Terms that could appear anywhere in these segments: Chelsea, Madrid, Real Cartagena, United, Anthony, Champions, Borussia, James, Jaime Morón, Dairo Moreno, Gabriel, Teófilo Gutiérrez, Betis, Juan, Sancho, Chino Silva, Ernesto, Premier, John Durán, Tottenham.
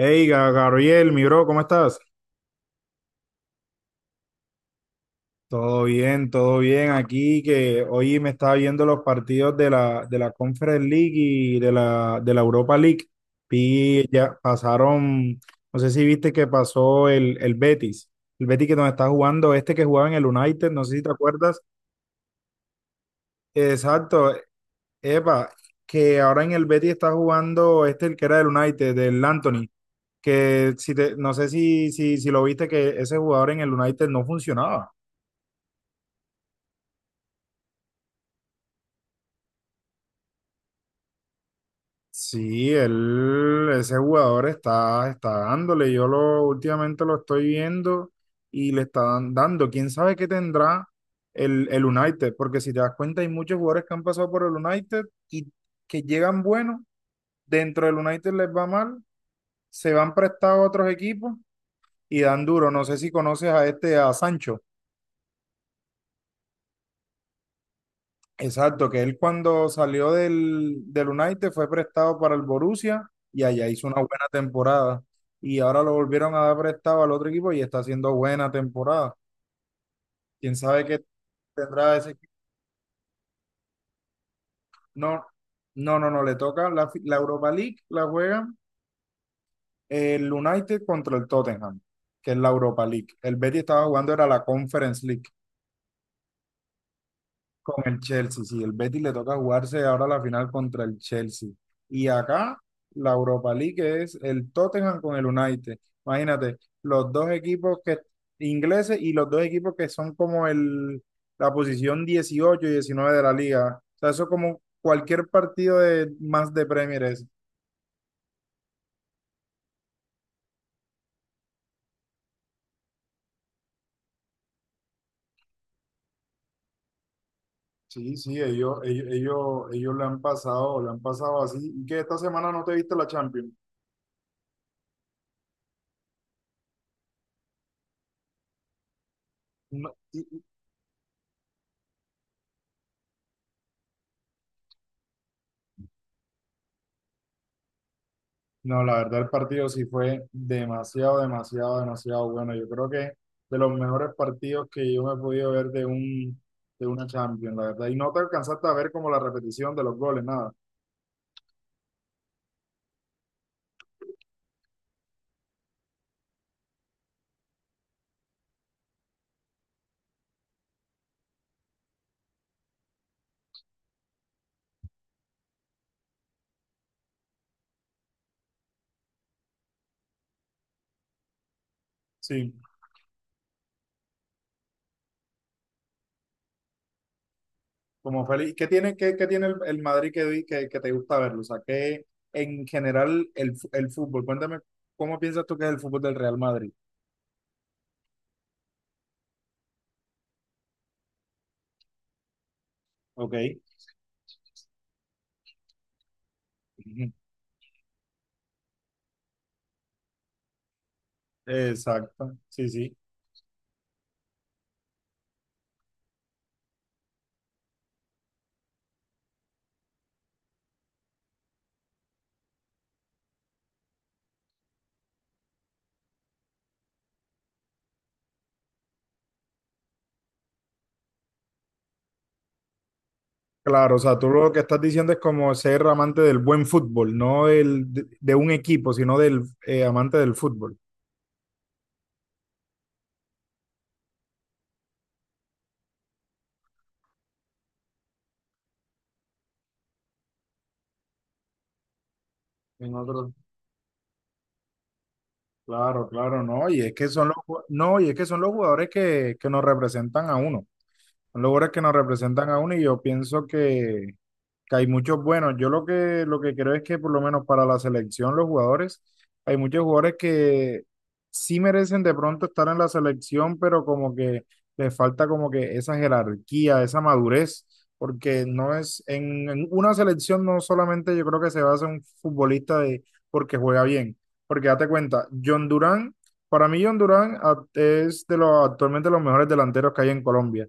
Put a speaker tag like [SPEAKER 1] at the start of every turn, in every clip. [SPEAKER 1] Hey, Gabriel, mi bro, ¿cómo estás? Todo bien, todo bien. Aquí que hoy me estaba viendo los partidos de la Conference League y de la Europa League. Y ya pasaron, no sé si viste que pasó el Betis. El Betis que nos está jugando, este que jugaba en el United, no sé si te acuerdas. Exacto. Epa, que ahora en el Betis está jugando este, el que era del United, del Anthony. Que si no sé si lo viste, que ese jugador en el United no funcionaba. Sí, él, ese jugador está dándole. Yo lo últimamente lo estoy viendo y le está dando. ¿Quién sabe qué tendrá el United? Porque si te das cuenta, hay muchos jugadores que han pasado por el United y que llegan buenos. Dentro del United les va mal, se van prestados a otros equipos y dan duro. No sé si conoces a este, a Sancho. Exacto, que él cuando salió del United fue prestado para el Borussia y allá hizo una buena temporada. Y ahora lo volvieron a dar prestado al otro equipo y está haciendo buena temporada. ¿Quién sabe qué tendrá ese equipo? No, no, no, no, le toca la Europa League, la juegan el United contra el Tottenham, que es la Europa League. El Betis estaba jugando, era la Conference League. Con el Chelsea, sí, el Betis le toca jugarse ahora la final contra el Chelsea. Y acá la Europa League es el Tottenham con el United. Imagínate, los dos equipos que ingleses y los dos equipos que son como el, la posición 18 y 19 de la liga. O sea, eso es como cualquier partido de más de Premier es. Sí, sí, ellos le han pasado así. ¿Y que esta semana no te viste la Champions? No, y, No, la verdad el partido sí fue demasiado, demasiado, demasiado bueno. Yo creo que de los mejores partidos que yo me he podido ver de un, de una Champions, la verdad. Y no te alcanzaste a ver como la repetición de los goles, nada. Sí, como feliz. ¿Qué tiene, qué tiene el Madrid que te gusta verlo? O sea, ¿qué en general el fútbol? Cuéntame, ¿cómo piensas tú que es el fútbol del Real Madrid? Ok. Ujú. Exacto. Sí, sí. Claro, o sea, tú lo que estás diciendo es como ser amante del buen fútbol, no de un equipo, sino del amante del fútbol. En otro, claro, claro, no, y es que son los, ju- no, y es que son los jugadores que nos representan a uno, son los jugadores que nos representan a uno y yo pienso que hay muchos buenos. Yo lo que creo es que por lo menos para la selección, los jugadores, hay muchos jugadores que sí merecen de pronto estar en la selección, pero como que les falta como que esa jerarquía, esa madurez, porque no es, en una selección no solamente yo creo que se basa un futbolista de porque juega bien, porque date cuenta, John Durán, para mí John Durán es de los actualmente los mejores delanteros que hay en Colombia,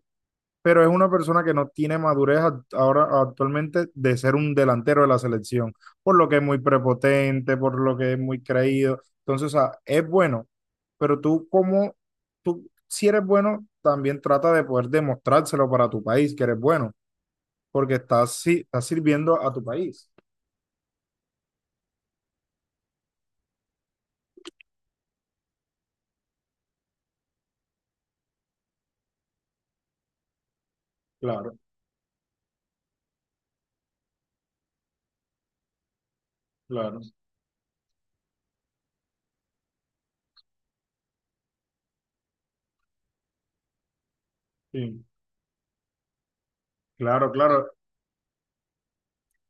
[SPEAKER 1] pero es una persona que no tiene madurez ahora actualmente de ser un delantero de la selección, por lo que es muy prepotente, por lo que es muy creído. Entonces, o sea, es bueno, pero tú si eres bueno, también trata de poder demostrárselo para tu país que eres bueno, porque estás, si- estás sirviendo a tu país. Claro, claro, sí. Claro, claro.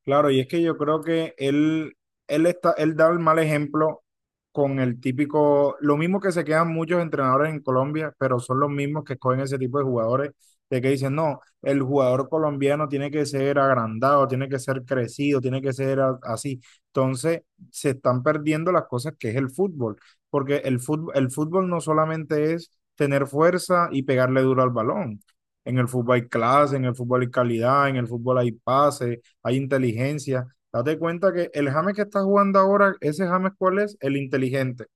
[SPEAKER 1] Claro, y es que yo creo que él da el mal ejemplo con el típico, lo mismo que se quedan muchos entrenadores en Colombia, pero son los mismos que escogen ese tipo de jugadores, de que dicen, no, el jugador colombiano tiene que ser agrandado, tiene que ser crecido, tiene que ser así. Entonces, se están perdiendo las cosas que es el fútbol, porque el fútbol no solamente es tener fuerza y pegarle duro al balón. En el fútbol hay clase, en el fútbol hay calidad, en el fútbol hay pase, hay inteligencia. Date cuenta que el James que está jugando ahora, ese James, ¿cuál es? El inteligente.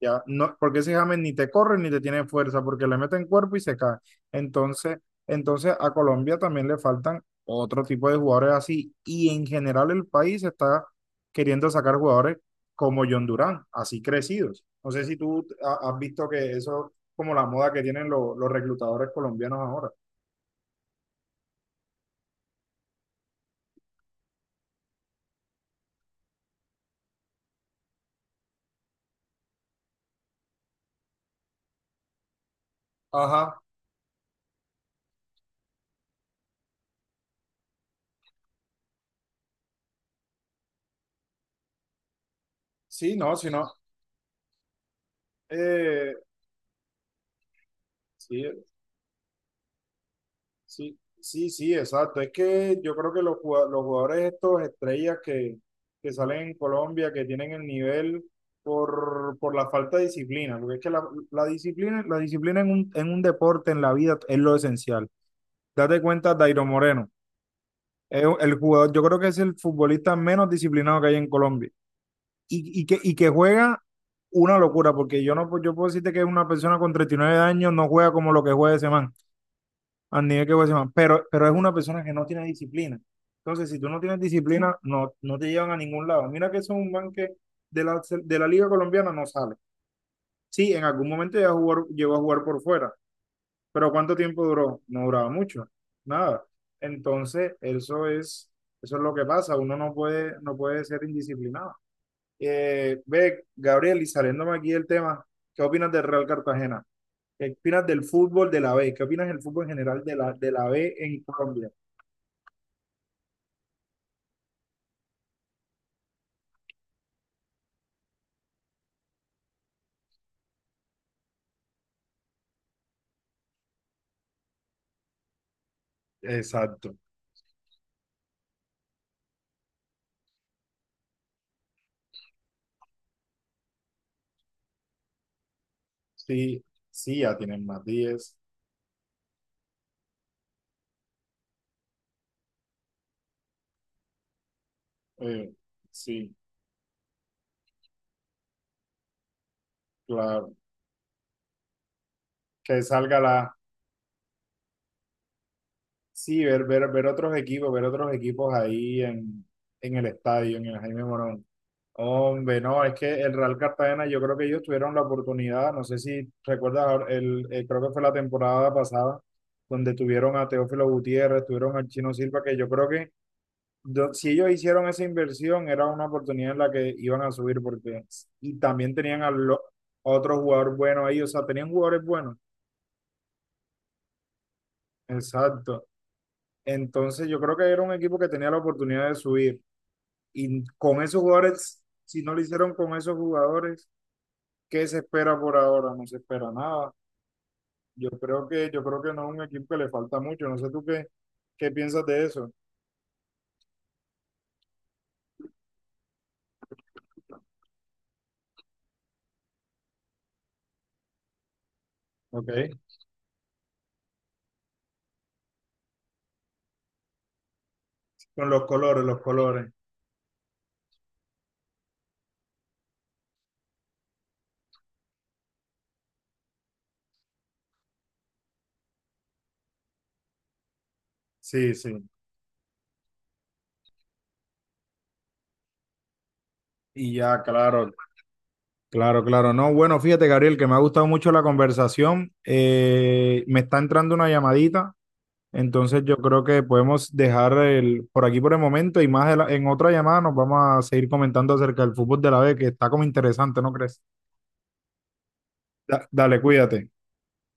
[SPEAKER 1] Ya, no, porque ese James ni te corre ni te tiene fuerza, porque le meten cuerpo y se cae. Entonces, entonces a Colombia también le faltan otro tipo de jugadores así. Y en general el país está queriendo sacar jugadores como John Durán, así crecidos. No sé si tú has visto que eso es como la moda que tienen los reclutadores colombianos ahora. Ajá, sí, no, si no, eh, sí. Sí, sí, sí, exacto. Es que yo creo que los jugadores estos estrellas que salen en Colombia, que tienen el nivel por la falta de disciplina, porque es que la disciplina, la disciplina en un deporte, en la vida, es lo esencial. Date cuenta, Dairo Moreno, es el jugador, yo creo que es el futbolista menos disciplinado que hay en Colombia y que juega una locura, porque yo no, yo puedo decirte que es una persona con 39 años, no juega como lo que juega ese man al nivel que puede ser Juan, pero es una persona que no tiene disciplina. Entonces, si tú no tienes disciplina, no, no te llevan a ningún lado. Mira que eso es un man que de la Liga Colombiana no sale. Sí, en algún momento ya jugó, llegó a jugar por fuera, pero ¿cuánto tiempo duró? No duraba mucho, nada. Entonces, eso es lo que pasa. Uno no puede, no puede ser indisciplinado. Ve, Gabriel, y saliéndome aquí del tema, ¿qué opinas del Real Cartagena? ¿Qué opinas del fútbol de la B? ¿Qué opinas del fútbol en general de la B en Colombia? Exacto. Sí, sí, ya tienen más 10. Eh, sí, claro. Que salga la... Sí, ver otros equipos, ver otros equipos ahí en el estadio, en el Jaime Morón. Hombre, no, es que el Real Cartagena, yo creo que ellos tuvieron la oportunidad, no sé si recuerdas, ahora, creo que fue la temporada pasada, donde tuvieron a Teófilo Gutiérrez, tuvieron al Chino Silva, que yo creo que si ellos hicieron esa inversión, era una oportunidad en la que iban a subir, porque y también tenían a otro jugador bueno ahí, o sea, tenían jugadores buenos. Exacto. Entonces yo creo que era un equipo que tenía la oportunidad de subir. Y con esos jugadores, si no lo hicieron con esos jugadores, ¿qué se espera por ahora? No se espera nada. Yo creo que no es un equipo que le falta mucho. No sé tú qué, piensas de eso. Ok. Con los colores, los colores. Sí, sí. Y ya, claro, claro, claro. No, bueno, fíjate, Gabriel, que me ha gustado mucho la conversación. Me está entrando una llamadita, entonces yo creo que podemos dejar por aquí por el momento y más de en otra llamada nos vamos a seguir comentando acerca del fútbol de la B, que está como interesante, ¿no crees? Dale, cuídate.